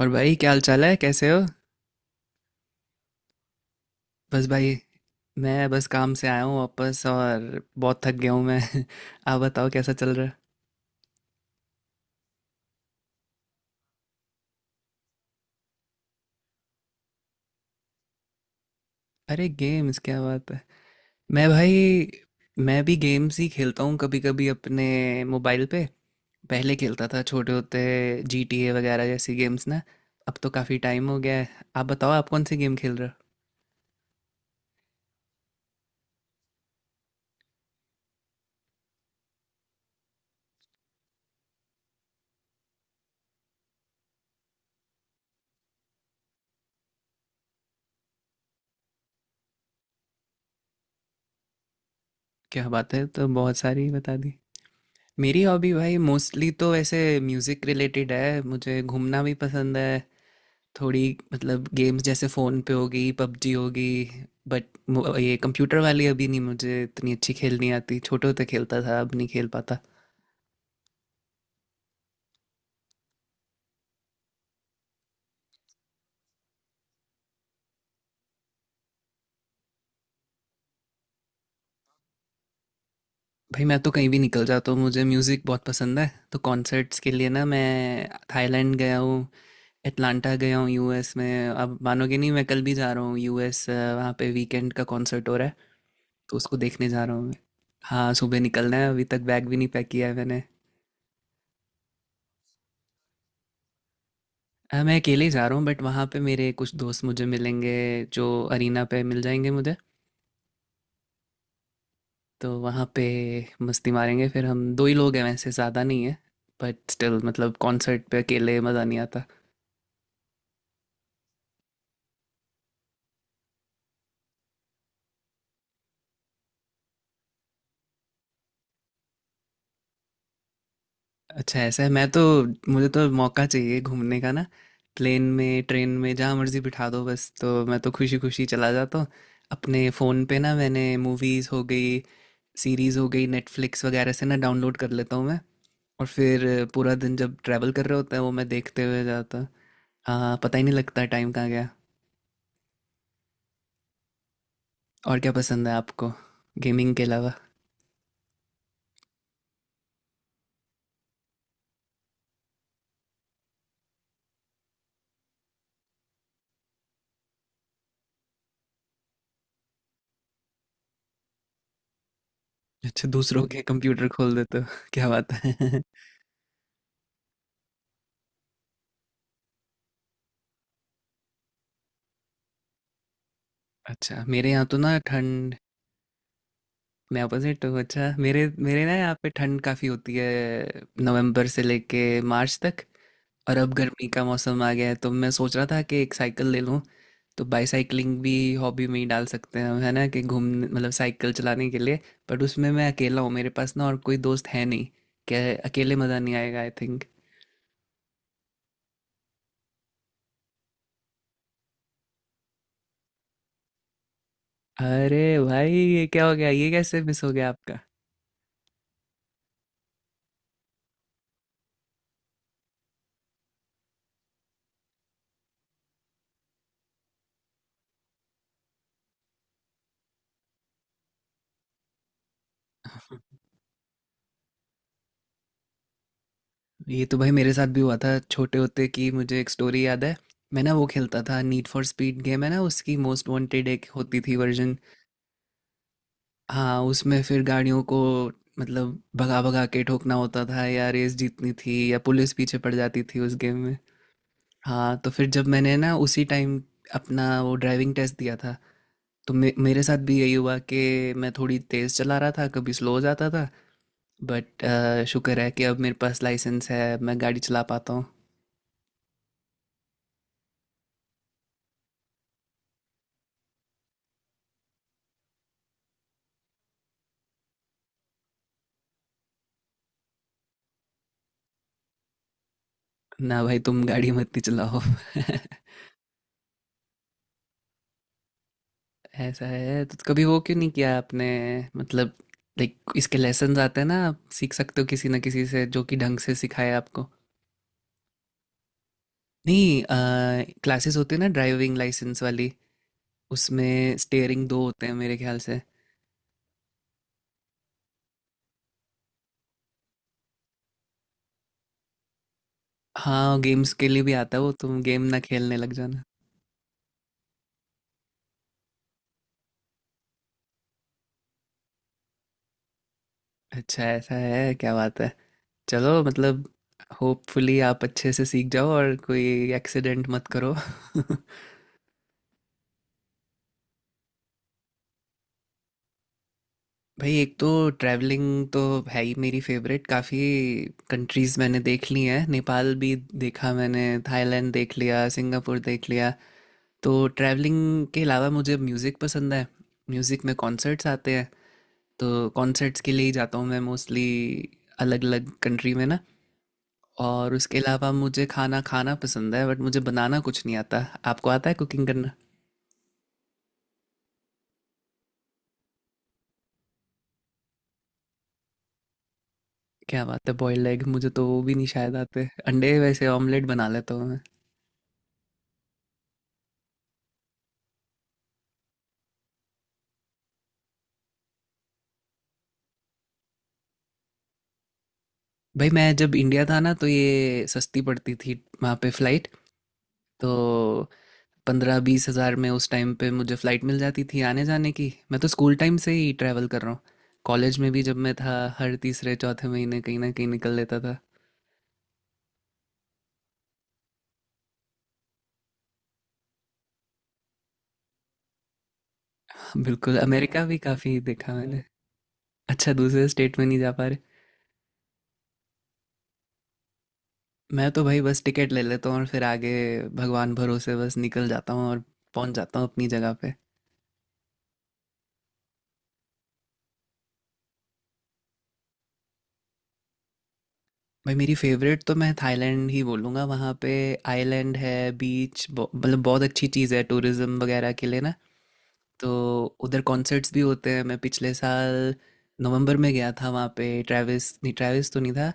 और भाई क्या हाल चाल है, कैसे हो। बस भाई, मैं बस काम से आया हूँ वापस और बहुत थक गया हूँ मैं। आप बताओ कैसा चल रहा है। अरे गेम्स, क्या बात है। मैं भाई, मैं भी गेम्स ही खेलता हूँ कभी कभी अपने मोबाइल पे। पहले खेलता था छोटे होते, जी टी ए वगैरह जैसी गेम्स ना। अब तो काफ़ी टाइम हो गया है। आप बताओ आप कौन सी गेम खेल रहे हो। क्या बात है, तो बहुत सारी बता दी। मेरी हॉबी भाई मोस्टली तो ऐसे म्यूज़िक रिलेटेड है। मुझे घूमना भी पसंद है। थोड़ी मतलब गेम्स जैसे फ़ोन पे होगी, पबजी होगी, बट ये कंप्यूटर वाली अभी नहीं मुझे इतनी अच्छी खेलनी आती। छोटे होते खेलता था, अब नहीं खेल पाता। भाई मैं तो कहीं भी निकल जाता हूँ, मुझे म्यूज़िक बहुत पसंद है, तो कॉन्सर्ट्स के लिए ना मैं थाईलैंड गया हूँ, अटलांटा गया हूँ यूएस में। अब मानोगे नहीं, मैं कल भी जा रहा हूँ यूएस, वहाँ पे वीकेंड का कॉन्सर्ट हो रहा है। तो उसको देखने जा रहा हूँ मैं। हाँ, सुबह निकलना है, अभी तक बैग भी नहीं पैक किया है मैंने। मैं अकेले ही जा रहा हूँ, बट वहाँ पे मेरे कुछ दोस्त मुझे मिलेंगे, जो अरीना पे मिल जाएंगे मुझे। तो वहाँ पे मस्ती मारेंगे। फिर हम दो ही लोग हैं वैसे, ज़्यादा नहीं है, बट स्टिल मतलब कॉन्सर्ट पे अकेले मज़ा नहीं आता। अच्छा ऐसा है, मैं तो मुझे तो मौका चाहिए घूमने का ना। प्लेन में, ट्रेन में, जहाँ मर्जी बिठा दो बस, तो मैं तो खुशी खुशी चला जाता हूँ। अपने फ़ोन पे ना मैंने मूवीज़ हो गई, सीरीज़ हो गई, नेटफ्लिक्स वगैरह से ना डाउनलोड कर लेता हूँ मैं। और फिर पूरा दिन जब ट्रैवल कर रहे होते हैं वो, मैं देखते हुए जाता। हाँ, पता ही नहीं लगता टाइम कहाँ गया। और क्या पसंद है आपको गेमिंग के अलावा। अच्छा, दूसरों के कंप्यूटर खोल देते हो क्या बात है। अच्छा मेरे यहाँ तो ना ठंड, मैं अपोजिट हूँ। अच्छा मेरे मेरे ना यहाँ पे ठंड काफ़ी होती है नवंबर से लेके मार्च तक। और अब गर्मी का मौसम आ गया है, तो मैं सोच रहा था कि एक साइकिल ले लूँ। तो बाईसाइकिलिंग भी हॉबी में ही डाल सकते हैं हम, है ना, कि घूम मतलब साइकिल चलाने के लिए। बट उसमें मैं अकेला हूँ, मेरे पास ना और कोई दोस्त है नहीं। क्या, अकेले मज़ा नहीं आएगा आई थिंक। अरे भाई ये क्या हो गया, ये कैसे मिस हो गया आपका। ये तो भाई मेरे साथ भी हुआ था छोटे होते, कि मुझे एक स्टोरी याद है। मैं ना वो खेलता था नीड फॉर स्पीड गेम है ना, उसकी मोस्ट वांटेड एक होती थी वर्जन। हाँ, उसमें फिर गाड़ियों को मतलब भगा भगा के ठोकना होता था, या रेस जीतनी थी, या पुलिस पीछे पड़ जाती थी उस गेम में। हाँ, तो फिर जब मैंने ना उसी टाइम अपना वो ड्राइविंग टेस्ट दिया था, तो मे मेरे साथ भी यही हुआ कि मैं थोड़ी तेज़ चला रहा था, कभी स्लो हो जाता था। बट शुक्र है कि अब मेरे पास लाइसेंस है, मैं गाड़ी चला पाता हूँ। ना भाई, तुम गाड़ी मत, नहीं चलाओ। ऐसा है तो कभी वो क्यों नहीं किया आपने, मतलब लाइक इसके लेसन आते हैं ना, आप सीख सकते हो किसी ना किसी से जो कि ढंग से सिखाए आपको। नहीं, क्लासेस होती है ना ड्राइविंग लाइसेंस वाली, उसमें स्टेयरिंग दो होते हैं मेरे ख्याल से। हाँ गेम्स के लिए भी आता है वो, तुम गेम ना खेलने लग जाना। अच्छा ऐसा है, क्या बात है। चलो मतलब होपफुली आप अच्छे से सीख जाओ और कोई एक्सीडेंट मत करो। भाई, एक तो ट्रैवलिंग तो है ही मेरी फेवरेट। काफ़ी कंट्रीज़ मैंने देख ली हैं, नेपाल भी देखा मैंने, थाईलैंड देख लिया, सिंगापुर देख लिया। तो ट्रैवलिंग के अलावा मुझे म्यूज़िक पसंद है। म्यूज़िक में कॉन्सर्ट्स आते हैं, तो कॉन्सर्ट्स के लिए ही जाता हूँ मैं मोस्टली, अलग अलग कंट्री में ना। और उसके अलावा मुझे खाना खाना पसंद है, बट मुझे बनाना कुछ नहीं आता। आपको आता है कुकिंग करना। क्या बात है, बॉयल्ड एग मुझे तो वो भी नहीं शायद आते। अंडे वैसे ऑमलेट बना लेता हूँ। भाई मैं जब इंडिया था ना तो ये सस्ती पड़ती थी वहाँ पे फ्लाइट। तो 15-20 हज़ार में उस टाइम पे मुझे फ्लाइट मिल जाती थी आने जाने की। मैं तो स्कूल टाइम से ही ट्रैवल कर रहा हूँ। कॉलेज में भी जब मैं था हर तीसरे चौथे महीने कहीं ना कहीं निकल लेता था। हाँ, बिल्कुल, अमेरिका भी काफ़ी देखा मैंने। अच्छा दूसरे स्टेट में नहीं जा पा रहे। मैं तो भाई बस टिकट ले लेता हूँ, और फिर आगे भगवान भरोसे बस निकल जाता हूँ और पहुँच जाता हूँ अपनी जगह पे। भाई मेरी फेवरेट तो मैं थाईलैंड ही बोलूँगा। वहाँ पे आइलैंड है, बीच, मतलब बहुत अच्छी चीज़ है टूरिज्म वगैरह के लिए ना। तो उधर कॉन्सर्ट्स भी होते हैं। मैं पिछले साल नवंबर में गया था वहाँ पे। ट्रेविस, नहीं ट्रेविस तो नहीं था,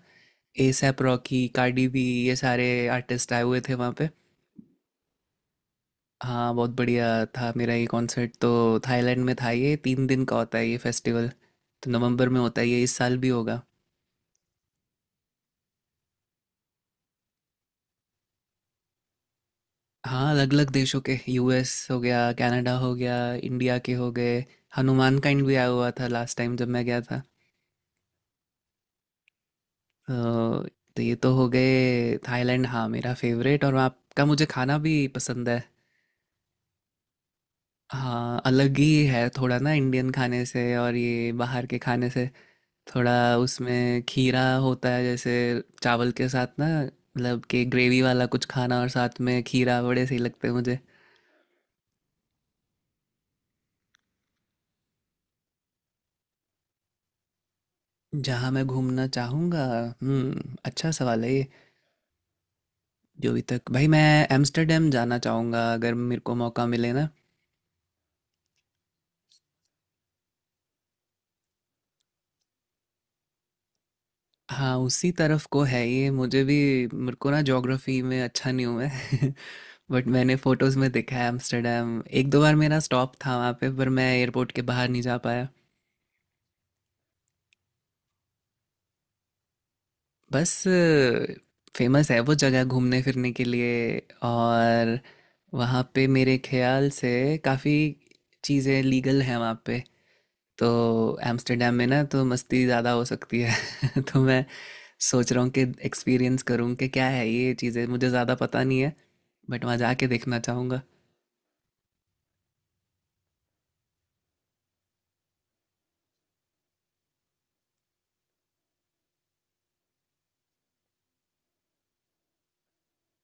एसैप रॉकी, कार्डी बी, ये सारे आर्टिस्ट आए हुए थे वहाँ पे। हाँ, बहुत बढ़िया था मेरा ये कॉन्सर्ट। तो थाईलैंड में था ये, 3 दिन का होता है ये फेस्टिवल, तो नवंबर में होता है ये, इस साल भी होगा। हाँ अलग अलग देशों के, यूएस हो गया, कनाडा हो गया, इंडिया के हो गए। हनुमान काइंड भी आया हुआ था लास्ट टाइम जब मैं गया था। तो ये तो हो गए थाईलैंड, हाँ मेरा फेवरेट। और वहाँ का मुझे खाना भी पसंद है। हाँ अलग ही है थोड़ा ना इंडियन खाने से और ये बाहर के खाने से। थोड़ा उसमें खीरा होता है जैसे चावल के साथ ना, मतलब कि ग्रेवी वाला कुछ खाना और साथ में खीरा, बड़े सही लगते हैं मुझे। जहाँ मैं घूमना चाहूँगा, हम्म, अच्छा सवाल है ये। जो अभी तक भाई, मैं एम्स्टर्डम जाना चाहूँगा अगर मेरे को मौका मिले ना। हाँ उसी तरफ को है ये मुझे भी। मेरे को ना ज्योग्राफी में अच्छा नहीं हूँ मैं। बट मैंने फोटोज़ में देखा है एम्स्टर्डम। एक दो बार मेरा स्टॉप था वहाँ पे, पर मैं एयरपोर्ट के बाहर नहीं जा पाया। बस, फेमस है वो जगह घूमने फिरने के लिए। और वहाँ पे मेरे ख्याल से काफ़ी चीज़ें लीगल हैं वहाँ पे, तो एम्स्टर्डम में ना तो मस्ती ज़्यादा हो सकती है। तो मैं सोच रहा हूँ कि एक्सपीरियंस करूँ कि क्या है ये चीज़ें, मुझे ज़्यादा पता नहीं है। बट वहाँ जाके देखना चाहूँगा।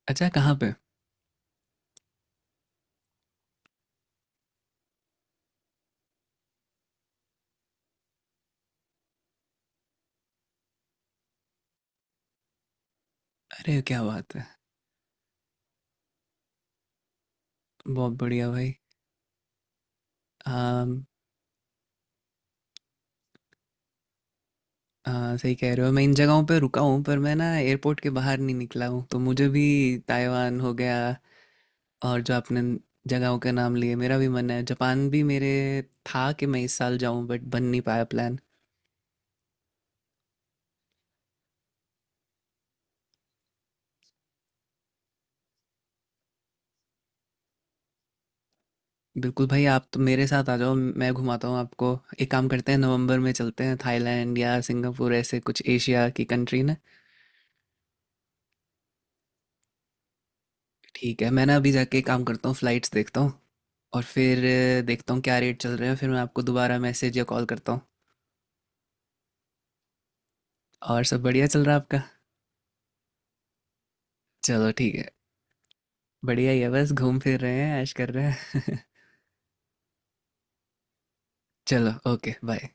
अच्छा कहाँ पे। अरे क्या बात है, बहुत बढ़िया भाई। आम, हाँ सही कह रहे हो, मैं इन जगहों पे रुका हूँ पर मैं ना एयरपोर्ट के बाहर नहीं निकला हूँ तो मुझे भी। ताइवान हो गया, और जो आपने जगहों के नाम लिए मेरा भी मन है। जापान भी मेरे था कि मैं इस साल जाऊँ, बट बन नहीं पाया प्लान। बिल्कुल भाई, आप तो मेरे साथ आ जाओ, मैं घुमाता हूँ आपको। एक काम करते हैं, नवंबर में चलते हैं थाईलैंड या सिंगापुर, ऐसे कुछ एशिया की कंट्री ना। ठीक है, मैं ना अभी जाके एक काम करता हूँ, फ्लाइट्स देखता हूँ, और फिर देखता हूँ क्या रेट चल रहे हैं, फिर मैं आपको दोबारा मैसेज या कॉल करता हूँ। और सब बढ़िया चल रहा है आपका। चलो ठीक है, बढ़िया ही है, बस घूम फिर रहे हैं, ऐश कर रहे हैं। चलो ओके बाय।